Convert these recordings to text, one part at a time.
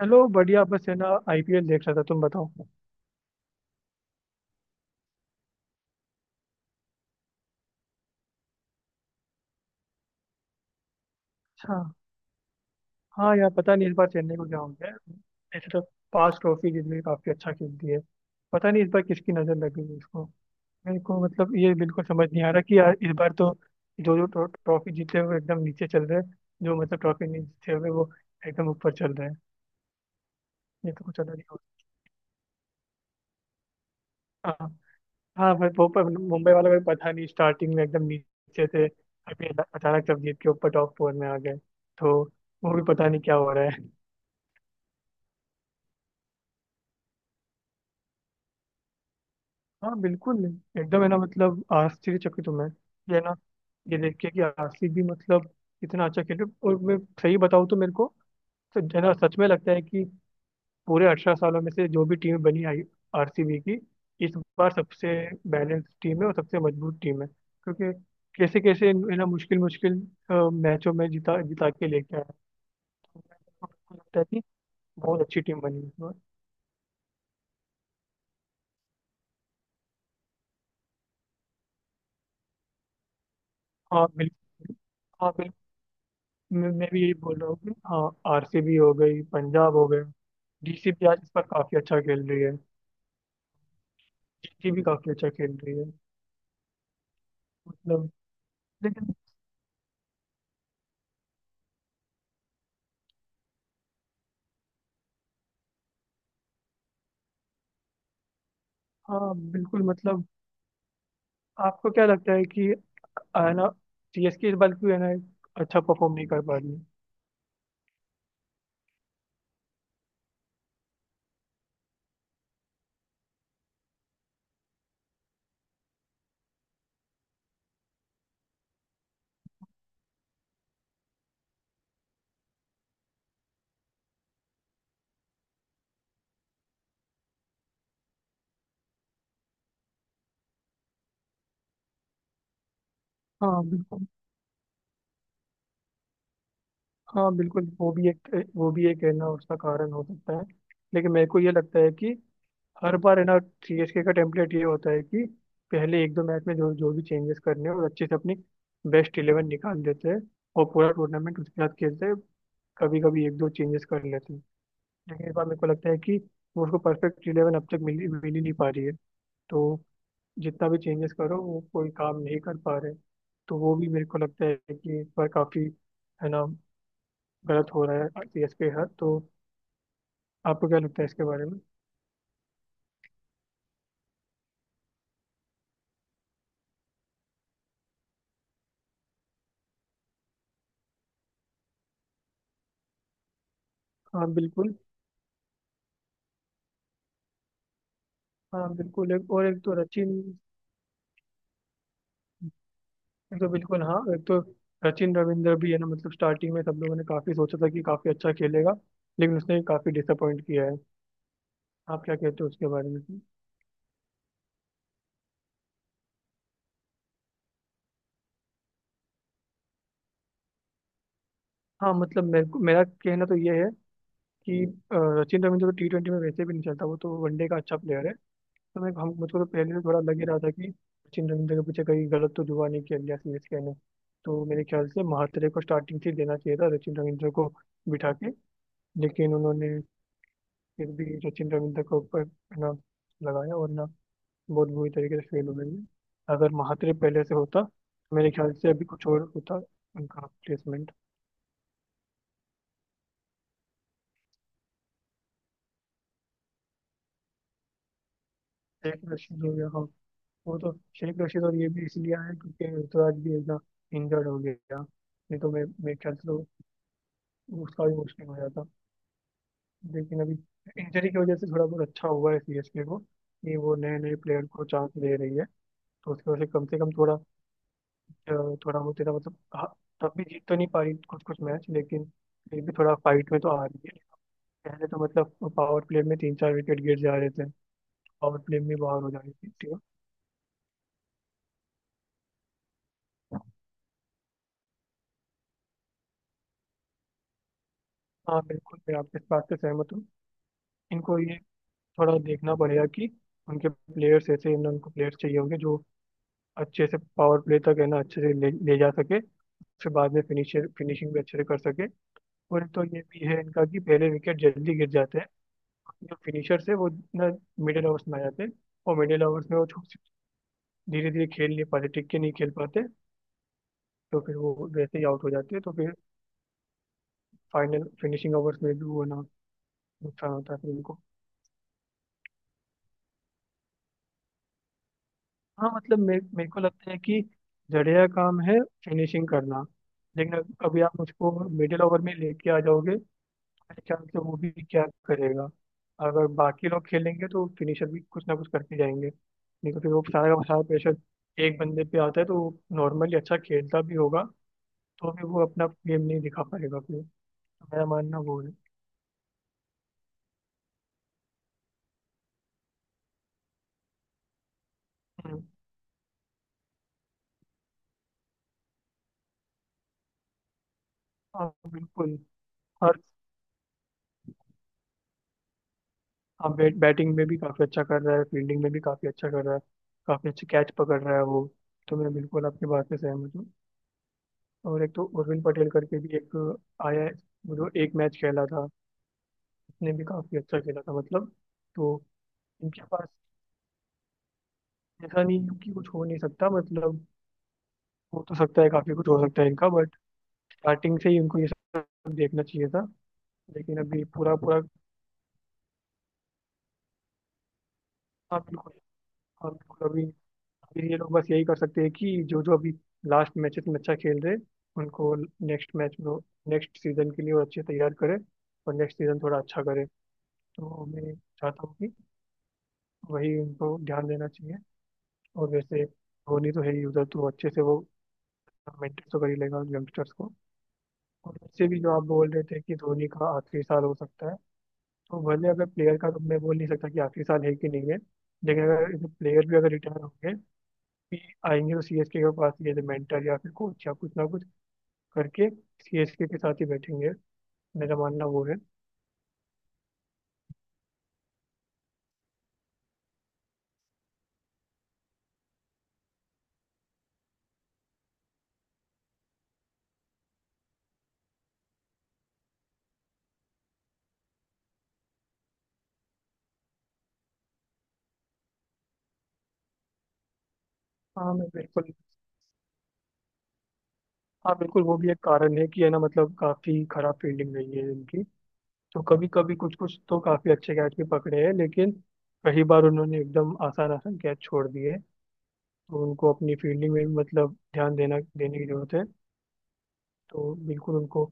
Hello, बढ़िया। बस है ना, आईपीएल देख रहा था। तुम बताओ। अच्छा। हाँ यार, पता नहीं इस बार चेन्नई को क्या हो गया है। ऐसे तो पांच ट्रॉफी जीत गई, काफी अच्छा खेलती है। पता नहीं इस बार किसकी नजर लग गई है इसको। मेरे को मतलब ये बिल्कुल समझ नहीं आ रहा कि यार इस बार तो जो जो ट्रॉफी जीते हुए एकदम नीचे चल रहे हैं, जो मतलब ट्रॉफी नहीं जीते हुए वो एकदम ऊपर चल रहे हैं। ये तो कुछ अलग ही हो। हाँ, हाँ भाई वो, पर मुंबई वालों को पता नहीं, स्टार्टिंग में एकदम नीचे थे, अभी अचानक सब जीत के ऊपर टॉप फोर में आ गए। तो वो भी पता नहीं क्या हो रहा है। हाँ बिल्कुल, एकदम है ना, मतलब आश्चर्यचकित हूँ मैं। ये है ना, ये देख के कि आसिफ भी मतलब इतना अच्छा खेले। और मैं सही बताऊँ तो मेरे को तो है ना, सच में लगता है कि पूरे 18 सालों में से जो भी टीम बनी आई आरसीबी की, इस बार सबसे बैलेंस टीम है और सबसे मजबूत टीम है, क्योंकि कैसे कैसे है ना, मुश्किल मुश्किल मैचों में जिता जिता के लेके आया। तो मेरे को लगता है कि बहुत अच्छी टीम बनी है इस बार। हाँ बिल्कुल, हाँ बिल्कुल। मैं भी यही बोल रहा हूँ कि हाँ, आरसीबी हो गई, पंजाब हो गए, डीसी भी आज इस पर काफी अच्छा खेल रही है, जीटी भी काफी अच्छा खेल रही है। मतलब लेकिन, हाँ बिल्कुल मतलब, आपको क्या लगता है कि है ना सीएसके इस बार क्यों है ना अच्छा परफॉर्म नहीं कर पा रही है? हाँ बिल्कुल, हाँ बिल्कुल। वो भी एक है ना, उसका कारण हो सकता है, लेकिन मेरे को ये लगता है कि हर बार है ना, सीएसके का टेम्पलेट ये होता है कि पहले एक दो मैच में जो जो भी चेंजेस करने हैं और अच्छे से अपनी बेस्ट इलेवन निकाल देते हैं और पूरा टूर्नामेंट उसके साथ खेलते हैं, कभी कभी एक दो चेंजेस कर लेते हैं। लेकिन इस बार मेरे को लगता है कि वो उसको परफेक्ट इलेवन अब तक मिल मिल ही नहीं पा रही है, तो जितना भी चेंजेस करो वो कोई काम नहीं कर पा रहे। तो वो भी मेरे को लगता है कि इस बार काफ़ी है ना गलत हो रहा है सीएसके के साथ। तो आपको क्या लगता है इसके बारे में? हाँ बिल्कुल, हाँ बिल्कुल। एक और एक तो सचिन तो बिल्कुल हाँ, एक तो सचिन रविंद्र भी है ना, मतलब स्टार्टिंग में सब लोगों ने काफी सोचा था कि काफी अच्छा खेलेगा लेकिन उसने काफी डिसअपॉइंट किया है। आप क्या कहते हो उसके बारे में? हाँ मतलब, मेरे को मेरा कहना तो ये है कि सचिन रविंद्र तो T20 में वैसे भी नहीं चलता, वो तो वनडे का अच्छा प्लेयर है। तो मैं हम मुझको तो पहले से थोड़ा लग ही रहा था कि सचिन रविंद्र के पीछे कहीं गलत तो जुआ नहीं खेल लिया सीएसके ने। तो मेरे ख्याल से महात्रे को स्टार्टिंग से ही देना चाहिए था, सचिन रविंद्र को बिठा के। लेकिन उन्होंने फिर भी सचिन रविंद्र को ऊपर है ना लगाया और ना, बहुत बुरी तरीके से फेल हो गई है। अगर महात्रे पहले से होता तो मेरे ख्याल से अभी कुछ और होता उनका प्लेसमेंट। शेख रशीद हो गया, हाँ। वो तो शेख रशीद, और ये भी इसलिए आया क्योंकि ऋतुराज भी एकदम इंजर्ड हो गया, नहीं तो मैं मेरे ख्याल से तो उसका भी मुश्किल हो जाता। लेकिन अभी इंजरी की वजह से थोड़ा बहुत अच्छा हुआ है सीएसके को, कि वो नए नए प्लेयर को चांस दे रही है। तो उसकी वजह से कम थोड़ा अ, थोड़ा बहुत तेरा मतलब हाँ, तब भी जीत तो नहीं पा रही कुछ कुछ मैच, लेकिन फिर भी थोड़ा फाइट में तो आ रही है। पहले तो मतलब पावर प्ले में तीन चार विकेट गिर जा रहे थे, पावर प्ले में बाहर हो जा रही थी टीम। हाँ बिल्कुल, मैं आपके इस बात से सहमत हूँ। इनको ये थोड़ा देखना पड़ेगा कि उनके प्लेयर्स ऐसे, इन उनको प्लेयर्स चाहिए होंगे जो अच्छे से पावर प्ले तक है ना अच्छे से ले जा सके, फिर बाद में फिनिशर फिनिशिंग भी अच्छे से कर सके। और तो ये भी है इनका कि पहले विकेट जल्दी गिर जाते हैं, जो फिनिशर्स है वो ना मिडिल ओवर्स में आ जाते हैं, और मिडिल ओवर्स में वो धीरे धीरे खेल नहीं पाते, टिक के नहीं खेल पाते, तो फिर वो वैसे ही आउट हो जाते हैं। तो फिर फाइनल फिनिशिंग ओवर्स में भी वो ना, नुकसान होता है फिर उनको। हाँ मतलब, मेरे को लगता है कि जडेजा का काम है फिनिशिंग करना, लेकिन अभी आप उसको मिडिल ओवर में लेके आ जाओगे, बाई चांस से, वो भी क्या करेगा। अगर बाकी लोग खेलेंगे तो फिनिशर भी कुछ ना कुछ करके जाएंगे, नहीं तो फिर वो सारा का सारा प्रेशर एक बंदे पे आता है, तो नॉर्मली अच्छा खेलता भी होगा तो भी वो अपना गेम नहीं दिखा पाएगा फिर। तो मेरा मानना वो है। हम्म, हाँ बिल्कुल। हर हाँ, बैटिंग में भी काफ़ी अच्छा कर रहा है, फील्डिंग में भी काफ़ी अच्छा कर रहा है, काफ़ी अच्छे कैच पकड़ रहा है वो। तो मैं बिल्कुल आपकी बात से सहमत हूँ। और एक तो उर्विल पटेल करके भी एक आया है, वो जो एक मैच खेला था, उसने भी काफ़ी अच्छा खेला था मतलब। तो इनके पास ऐसा नहीं है कि कुछ हो नहीं सकता, मतलब हो तो सकता है, काफ़ी कुछ हो सकता है इनका, बट स्टार्टिंग से ही उनको ये सब देखना चाहिए था। लेकिन अभी पूरा पूरा। हाँ बिल्कुल, हाँ बिल्कुल। अभी अभी ये लोग बस यही कर सकते हैं कि जो जो अभी लास्ट मैचेस में अच्छा खेल रहे, उनको नेक्स्ट मैच में, नेक्स्ट सीजन के लिए वो अच्छे तैयार करें, और नेक्स्ट सीजन थोड़ा अच्छा करे। तो मैं चाहता हूँ कि वही उनको ध्यान देना चाहिए। और वैसे धोनी तो है ही उधर, तो अच्छे से वो मेंटेन तो कर ही लेगा यंगस्टर्स को। और वैसे भी जो आप बोल रहे थे कि धोनी का आखिरी साल हो सकता है, तो भले, अगर प्लेयर का तो मैं बोल नहीं सकता कि आखिरी साल है कि नहीं है, लेकिन अगर प्लेयर भी अगर रिटायर होंगे भी, आएंगे तो सीएसके के पास ये मेंटर या फिर कोच या कुछ ना कुछ करके सीएसके के साथ ही बैठेंगे। मेरा मानना वो है। हाँ, मैं बिल्कुल, हाँ बिल्कुल, वो भी एक कारण है कि है ना, मतलब काफी खराब फील्डिंग रही है इनकी। तो कभी कभी कुछ कुछ तो काफी अच्छे कैच भी पकड़े हैं, लेकिन कई बार उन्होंने एकदम आसान आसान कैच छोड़ दिए। तो उनको अपनी फील्डिंग में भी मतलब ध्यान देना देने की जरूरत है। तो बिल्कुल उनको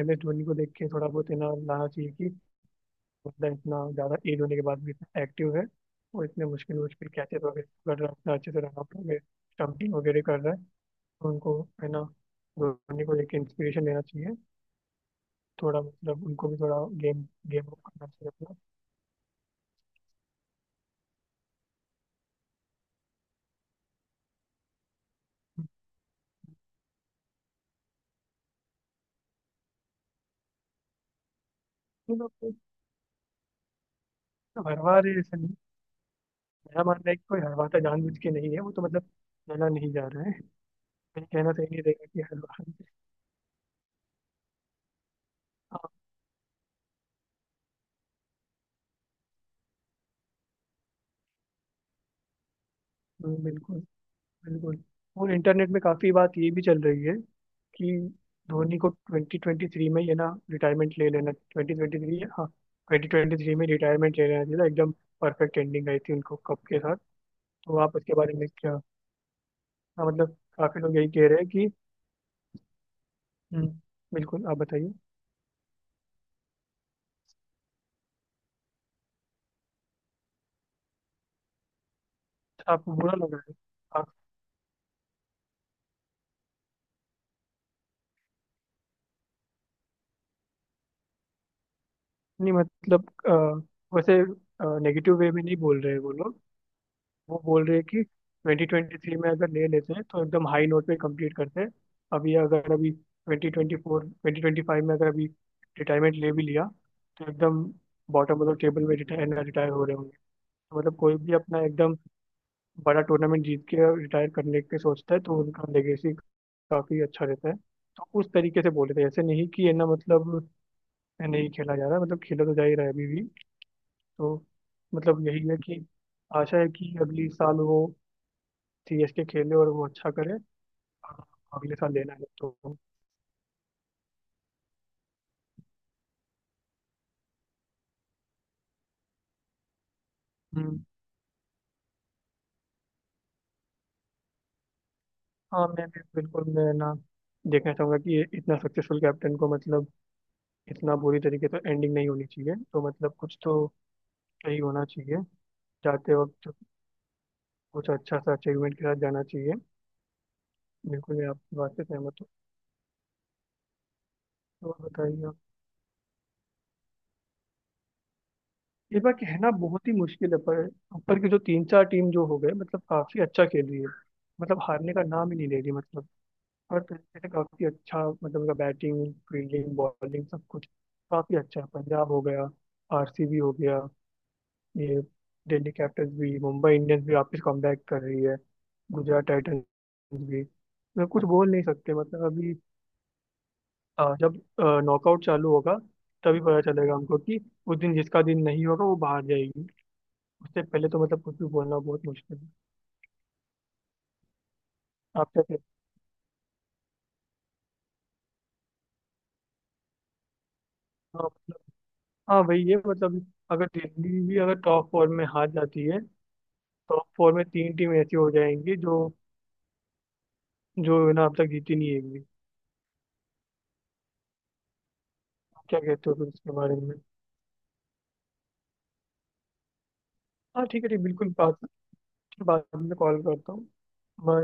MS धोनी को देख के थोड़ा बहुत इतना लाना चाहिए कि बंदा इतना ज्यादा एज होने के बाद भी इतना एक्टिव है, और इतने मुश्किल मुश्किल कैचेस वगैरह कर रहा है, इतना अच्छे से रन आउट वगैरह, स्टम्पिंग वगैरह कर रहा है। उनको है ना, धोनी को एक इंस्पिरेशन लेना चाहिए, थोड़ा मतलब उनको भी थोड़ा गेम गेम अप करना चाहिए अपना। तो मतलब कोई हरवा रहे, ऐसा नहीं, मेरा मानना है कि कोई हरवाता जानबूझ के नहीं है, वो तो मतलब कहना नहीं जा रहा है, कहीं कहना सही नहीं रहेगा कि हरवा। हाँ, बिल्कुल, बिल्कुल। और इंटरनेट में काफ़ी बात ये भी चल रही है कि धोनी को 2023 में, ये ना रिटायरमेंट ले लेना, 2023, हाँ, 2023 में रिटायरमेंट ले लेना चाहिए था। एकदम परफेक्ट एंडिंग आई थी उनको कप के साथ। तो आप उसके बारे में क्या? हाँ मतलब काफी लोग यही कह रहे हैं कि, हम्म, बिल्कुल, आप बताइए। आपको बुरा लग रहा है आप? नहीं मतलब वैसे नेगेटिव वे में नहीं बोल रहे हैं वो लोग। वो बोल रहे हैं कि 2023 में अगर ले लेते हैं तो एकदम हाई नोट पे कंप्लीट करते हैं। अभी अगर अभी 2024 2025 में अगर अभी रिटायरमेंट ले भी लिया, तो एकदम बॉटम ऑफ द टेबल में रिटायर रिटायर हो रहे होंगे। तो मतलब कोई भी अपना एकदम बड़ा टूर्नामेंट जीत के रिटायर करने के सोचता है, तो उनका लेगेसी काफी अच्छा रहता है। तो उस तरीके से बोले थे, ऐसे नहीं कि है ना मतलब नहीं खेला जा रहा, मतलब खेला तो जा ही रहा है अभी भी। तो मतलब यही है कि आशा है कि अगली साल वो सीएसके खेले और वो अच्छा करे, और अगले साल लेना है तो। हम्म, हाँ मैं भी बिल्कुल, मैं ना देखना चाहूंगा कि ये इतना सक्सेसफुल कैप्टन को मतलब इतना बुरी तरीके से एंडिंग नहीं होनी चाहिए। तो मतलब कुछ तो सही होना चाहिए, जाते वक्त कुछ अच्छा सा अचीवमेंट के साथ जाना चाहिए। बिल्कुल, मैं आपकी बात से सहमत हूँ। और बताइए आप। इस बार कहना बहुत ही मुश्किल है, पर ऊपर की जो तीन चार टीम जो हो गए, मतलब काफी अच्छा खेल रही है, मतलब हारने का नाम ही नहीं ले रही, मतलब हर तरीके से काफी अच्छा, मतलब उनका बैटिंग फील्डिंग बॉलिंग सब कुछ काफी अच्छा है। पंजाब हो गया, आरसीबी हो गया, ये दिल्ली कैपिटल्स भी, मुंबई इंडियंस भी वापस कमबैक कर रही है, गुजरात टाइटंस भी। मैं कुछ बोल नहीं सकते मतलब अभी, जब नॉकआउट चालू होगा तभी पता चलेगा हमको कि उस दिन जिसका दिन नहीं होगा वो बाहर जाएगी। उससे पहले तो मतलब कुछ भी बोलना बहुत मुश्किल है। आप क्या कहते हो? हाँ मतलब, हाँ वही है मतलब, अगर दिल्ली भी अगर टॉप फोर में हार जाती है, टॉप फोर में तीन टीम ऐसी हो जाएंगी जो जो है ना अब तक जीती नहीं है एक भी। आप क्या कहते हो फिर इसके बारे में? हाँ ठीक है, ठीक, बिल्कुल। बात बात में कॉल करता हूँ मैं।